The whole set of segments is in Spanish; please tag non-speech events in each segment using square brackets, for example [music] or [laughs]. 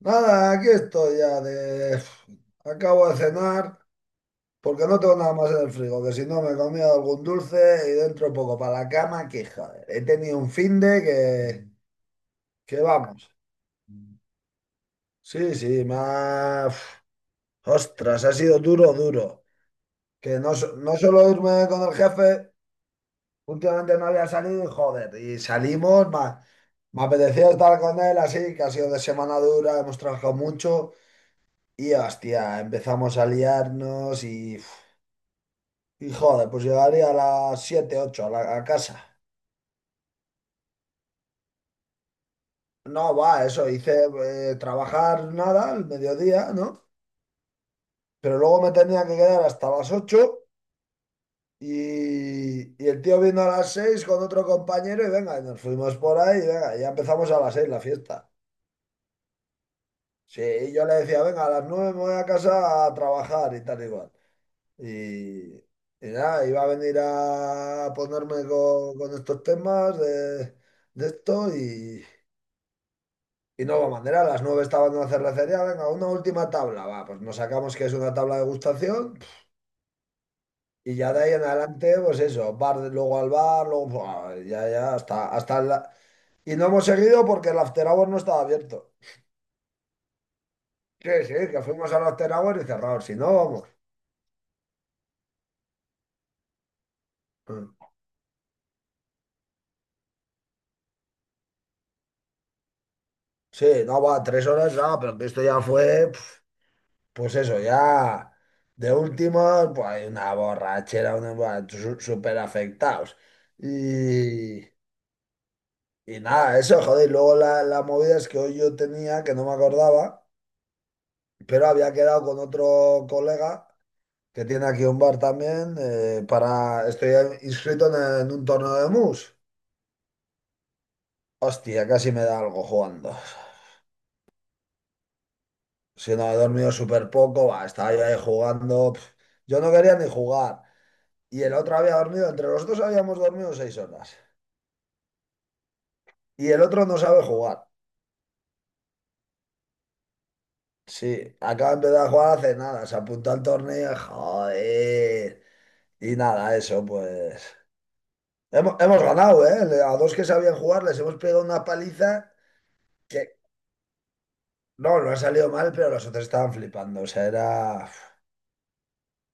Nada, aquí estoy ya de... Acabo de cenar porque no tengo nada más en el frigo, que si no me he comido algún dulce y dentro poco para la cama, que joder, he tenido un finde que vamos. Sí, sí, más... Ostras, ha sido duro, duro. Que no, no solo irme con el jefe, últimamente no había salido y joder, y salimos, más... me apetecía estar con él así, que ha sido de semana dura, hemos trabajado mucho. Y hostia, empezamos a liarnos y, uf, y joder, pues llegaría a las 7 8 a la a casa. No, va, eso, hice trabajar nada al mediodía, ¿no? Pero luego me tenía que quedar hasta las 8 y el tío vino a las 6 con otro compañero y venga, y nos fuimos por ahí y venga, ya empezamos a las 6 la fiesta. Sí, y yo le decía, venga, a las 9 me voy a casa a trabajar y tal igual. Y nada, iba a venir a ponerme con estos temas de esto y no hubo manera. A las nueve estaba en la cervecería, venga, una última tabla, va, pues nos sacamos que es una tabla de gustación y ya de ahí en adelante, pues eso, bar, luego al bar, luego buah, ya, ya, hasta la... Y no hemos seguido porque el after hour no estaba abierto. Sí, sí, que fuimos al after hour y cerrados, si no, vamos. Mm. Sí, no, va, tres horas, ah, pero que esto ya fue... pues eso, ya de último, pues hay una borrachera, una, buah, súper afectados. Y, y nada, eso, joder, y luego la movida es que hoy yo tenía, que no me acordaba, pero había quedado con otro colega que tiene aquí un bar también, para, estoy inscrito en un torneo de mus. Hostia, casi me da algo jugando. Si no, he dormido súper poco, va, estaba yo ahí jugando. Pf. Yo no quería ni jugar. Y el otro había dormido, entre los dos habíamos dormido 6 horas. Y el otro no sabe jugar. Sí, acaba de empezar a jugar hace nada, se apuntó al torneo, joder. Y nada, eso pues. Hemos, hemos ganado, ¿eh? A dos que sabían jugar les hemos pegado una paliza que no, no ha salido mal, pero los otros estaban flipando. O sea, era uf,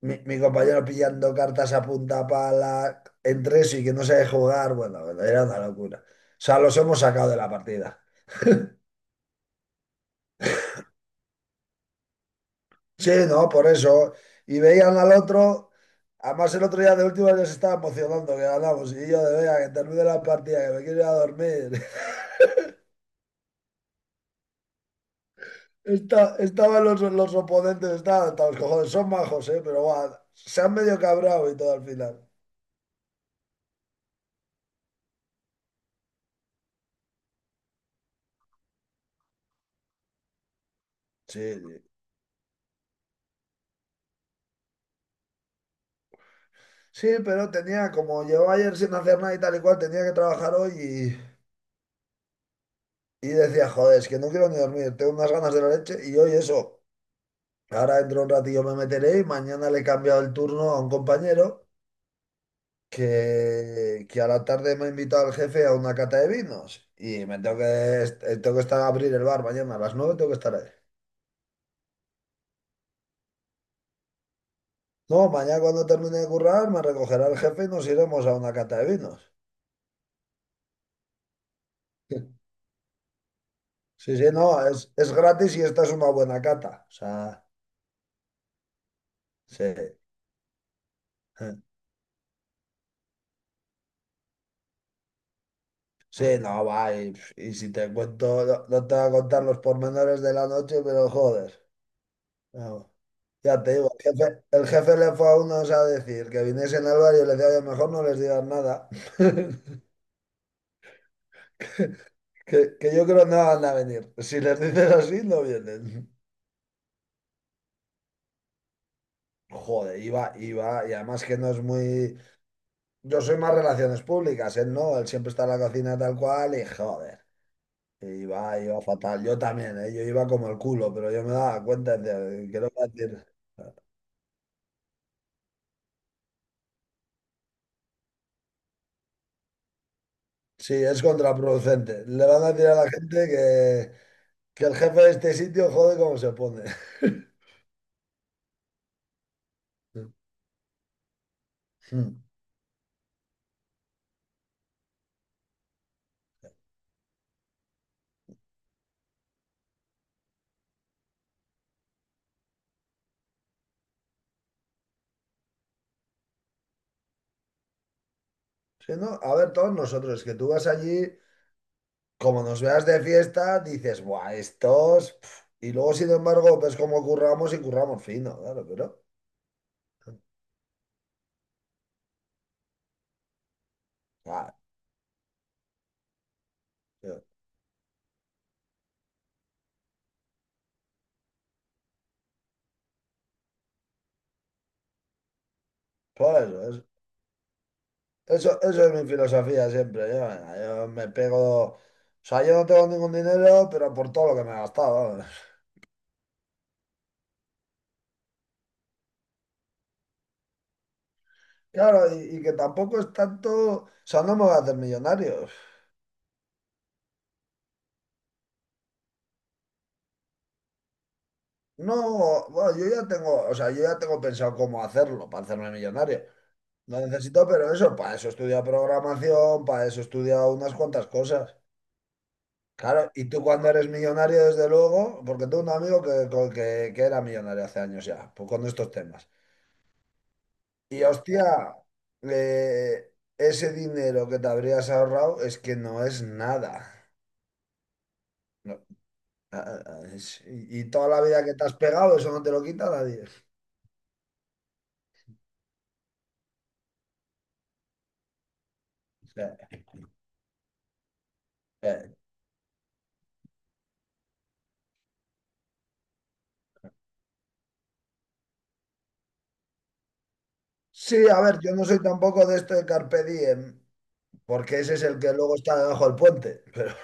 mi compañero pillando cartas a punta pala entre eso y que no sabe jugar. Bueno, bueno, era una locura. O sea, los hemos sacado de la partida. Sí, no, por eso. Y veían al otro, además el otro día de último ya se estaba emocionando que ganamos. Y yo de vea, que termine la partida, que me quiero ir a dormir. [laughs] Estaban los oponentes, estaban hasta los cojones, son majos, ¿eh? Pero guau, se han medio cabrado y todo al final. Sí, sí. Sí, pero tenía, como llevaba ayer sin hacer nada y tal y cual, tenía que trabajar hoy y decía, joder, es que no quiero ni dormir, tengo unas ganas de la leche y hoy eso. Ahora dentro de un ratillo me meteré y mañana le he cambiado el turno a un compañero. Que a la tarde me ha invitado el jefe a una cata de vinos y me tengo que, tengo que estar a abrir el bar mañana a las nueve tengo que estar ahí. No, mañana cuando termine de currar me recogerá el jefe y nos iremos a una cata de vinos. [laughs] Sí, sí, no, es gratis y esta es una buena cata. O sea, sí. Sí, no, va, y si te cuento, no, no te voy a contar los pormenores de la noche, pero joder. No. Ya te digo, el jefe le fue a unos a decir que viniesen al barrio y le decía, "Oye, mejor no les digas nada." [laughs] Que yo creo no van a venir. Si les dices así, no vienen. Joder, iba, iba, y además que no es muy. Yo soy más relaciones públicas, él no, él siempre está en la cocina tal cual, y joder, iba, iba fatal. Yo también, ¿eh? Yo iba como el culo, pero yo me daba cuenta, decía, "¿Qué le voy a decir?" Sí, es contraproducente. Le van a decir a la gente que el jefe de este sitio jode como se pone. [laughs] Ujú. Sí, no, a ver, todos nosotros, que tú vas allí, como nos veas de fiesta, dices, buah, estos. Pf. Y luego, sin embargo, ves cómo curramos y curramos fino, claro, pero. Ah, tío, por eso, eso, eso es mi filosofía siempre. Yo, venga, yo me pego. O sea, yo no tengo ningún dinero, pero por todo lo que me he gastado. Vamos. Claro, y que tampoco es tanto. O sea, no me voy a hacer millonario. No, bueno, yo ya tengo, o sea, yo ya tengo pensado cómo hacerlo para hacerme millonario. Lo necesito, pero eso, para eso he estudiado programación, para eso he estudiado unas cuantas cosas. Claro, y tú cuando eres millonario, desde luego, porque tengo un amigo que era millonario hace años ya, pues con estos temas. Y hostia, eh, ese dinero que te habrías ahorrado es que no es nada. No, ah, ah, y toda la vida que te has pegado, eso no te lo quita nadie. O sea, eh, sí, a ver, yo no soy tampoco de esto de Carpe Diem, porque ese es el que luego está debajo del puente, pero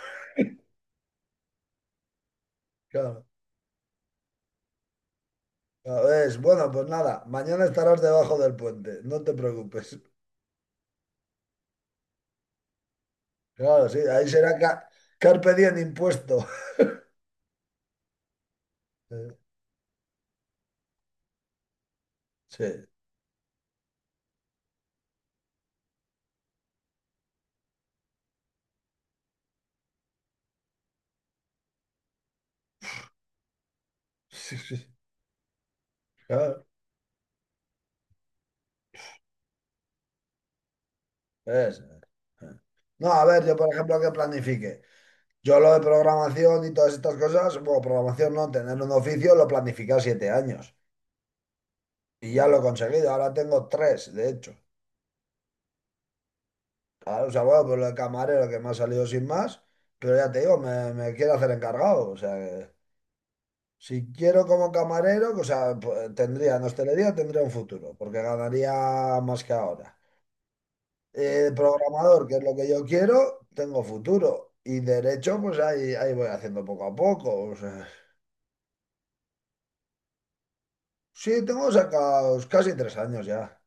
[laughs] claro. Ya ves, bueno, pues nada, mañana estarás debajo del puente, no te preocupes. Claro, sí, ahí será carpe diem impuesto. [laughs] Sí, sí, sí, claro, es. Eh. No, a ver, yo por ejemplo que planifique. Yo lo de programación y todas estas cosas, bueno, programación no, tener un oficio lo planifiqué a 7 años y ya lo he conseguido, ahora tengo tres, de hecho. Claro, o sea, bueno, pues lo de camarero que me ha salido sin más, pero ya te digo, me quiero hacer encargado, o sea. Si quiero como camarero, o sea, pu- tendría, en hostelería tendría un futuro, porque ganaría más que ahora. Programador, que es lo que yo quiero, tengo futuro. Y derecho, pues ahí, ahí voy haciendo poco a poco. O sea. Sí, tengo sacados casi tres años ya.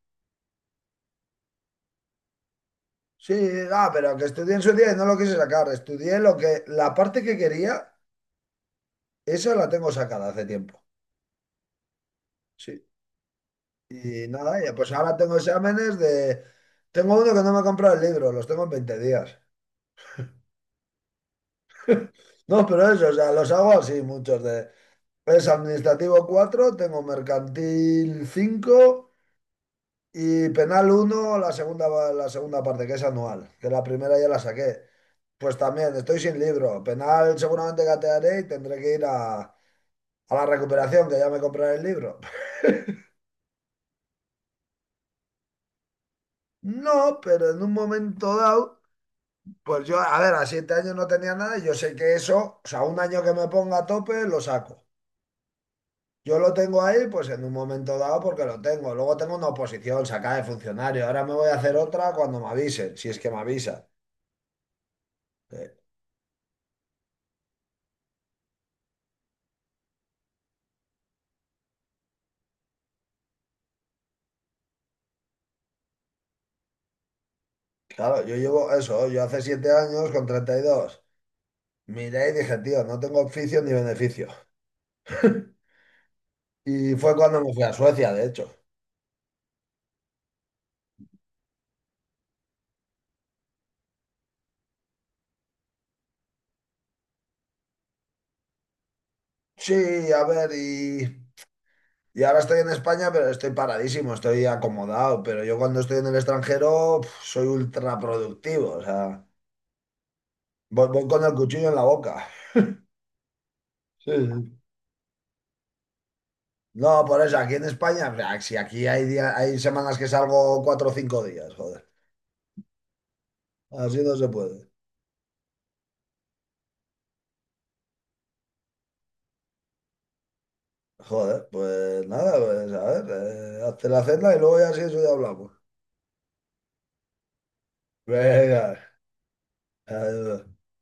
Sí, ah, pero que estudié en su día y no lo quise sacar. Estudié lo que, la parte que quería, esa la tengo sacada hace tiempo. Sí. Y nada, y pues ahora tengo exámenes de... Tengo uno que no me ha comprado el libro, los tengo en 20 días. No, pero eso, o sea, los hago así muchos de... Es administrativo 4, tengo mercantil 5 y penal uno. La segunda, la segunda parte, que es anual, que la primera ya la saqué. Pues también, estoy sin libro. Penal seguramente gatearé y tendré que ir a la recuperación, que ya me compraré el libro. [laughs] No, pero en un momento dado, pues yo, a ver, a 7 años no tenía nada y yo sé que eso, o sea, un año que me ponga a tope, lo saco. Yo lo tengo ahí, pues en un momento dado, porque lo tengo. Luego tengo una oposición sacada de funcionario. Ahora me voy a hacer otra cuando me avisen, si es que me avisa. Eh, claro, yo llevo eso, yo hace 7 años con 32 miré y dije, tío, no tengo oficio ni beneficio. [laughs] Y fue cuando me fui a Suecia, de hecho. Sí, a ver, y ahora estoy en España, pero estoy paradísimo, estoy acomodado. Pero yo cuando estoy en el extranjero, pf, soy ultra productivo. O sea, voy, voy con el cuchillo en la boca. Sí, sí. No, por eso, aquí en España, o sea, si aquí hay hay semanas que salgo 4 o 5 días, joder. Así no se puede. Joder, pues nada, pues a ver, hazte la cena y luego ya si eso ya hablamos. Venga, adiós.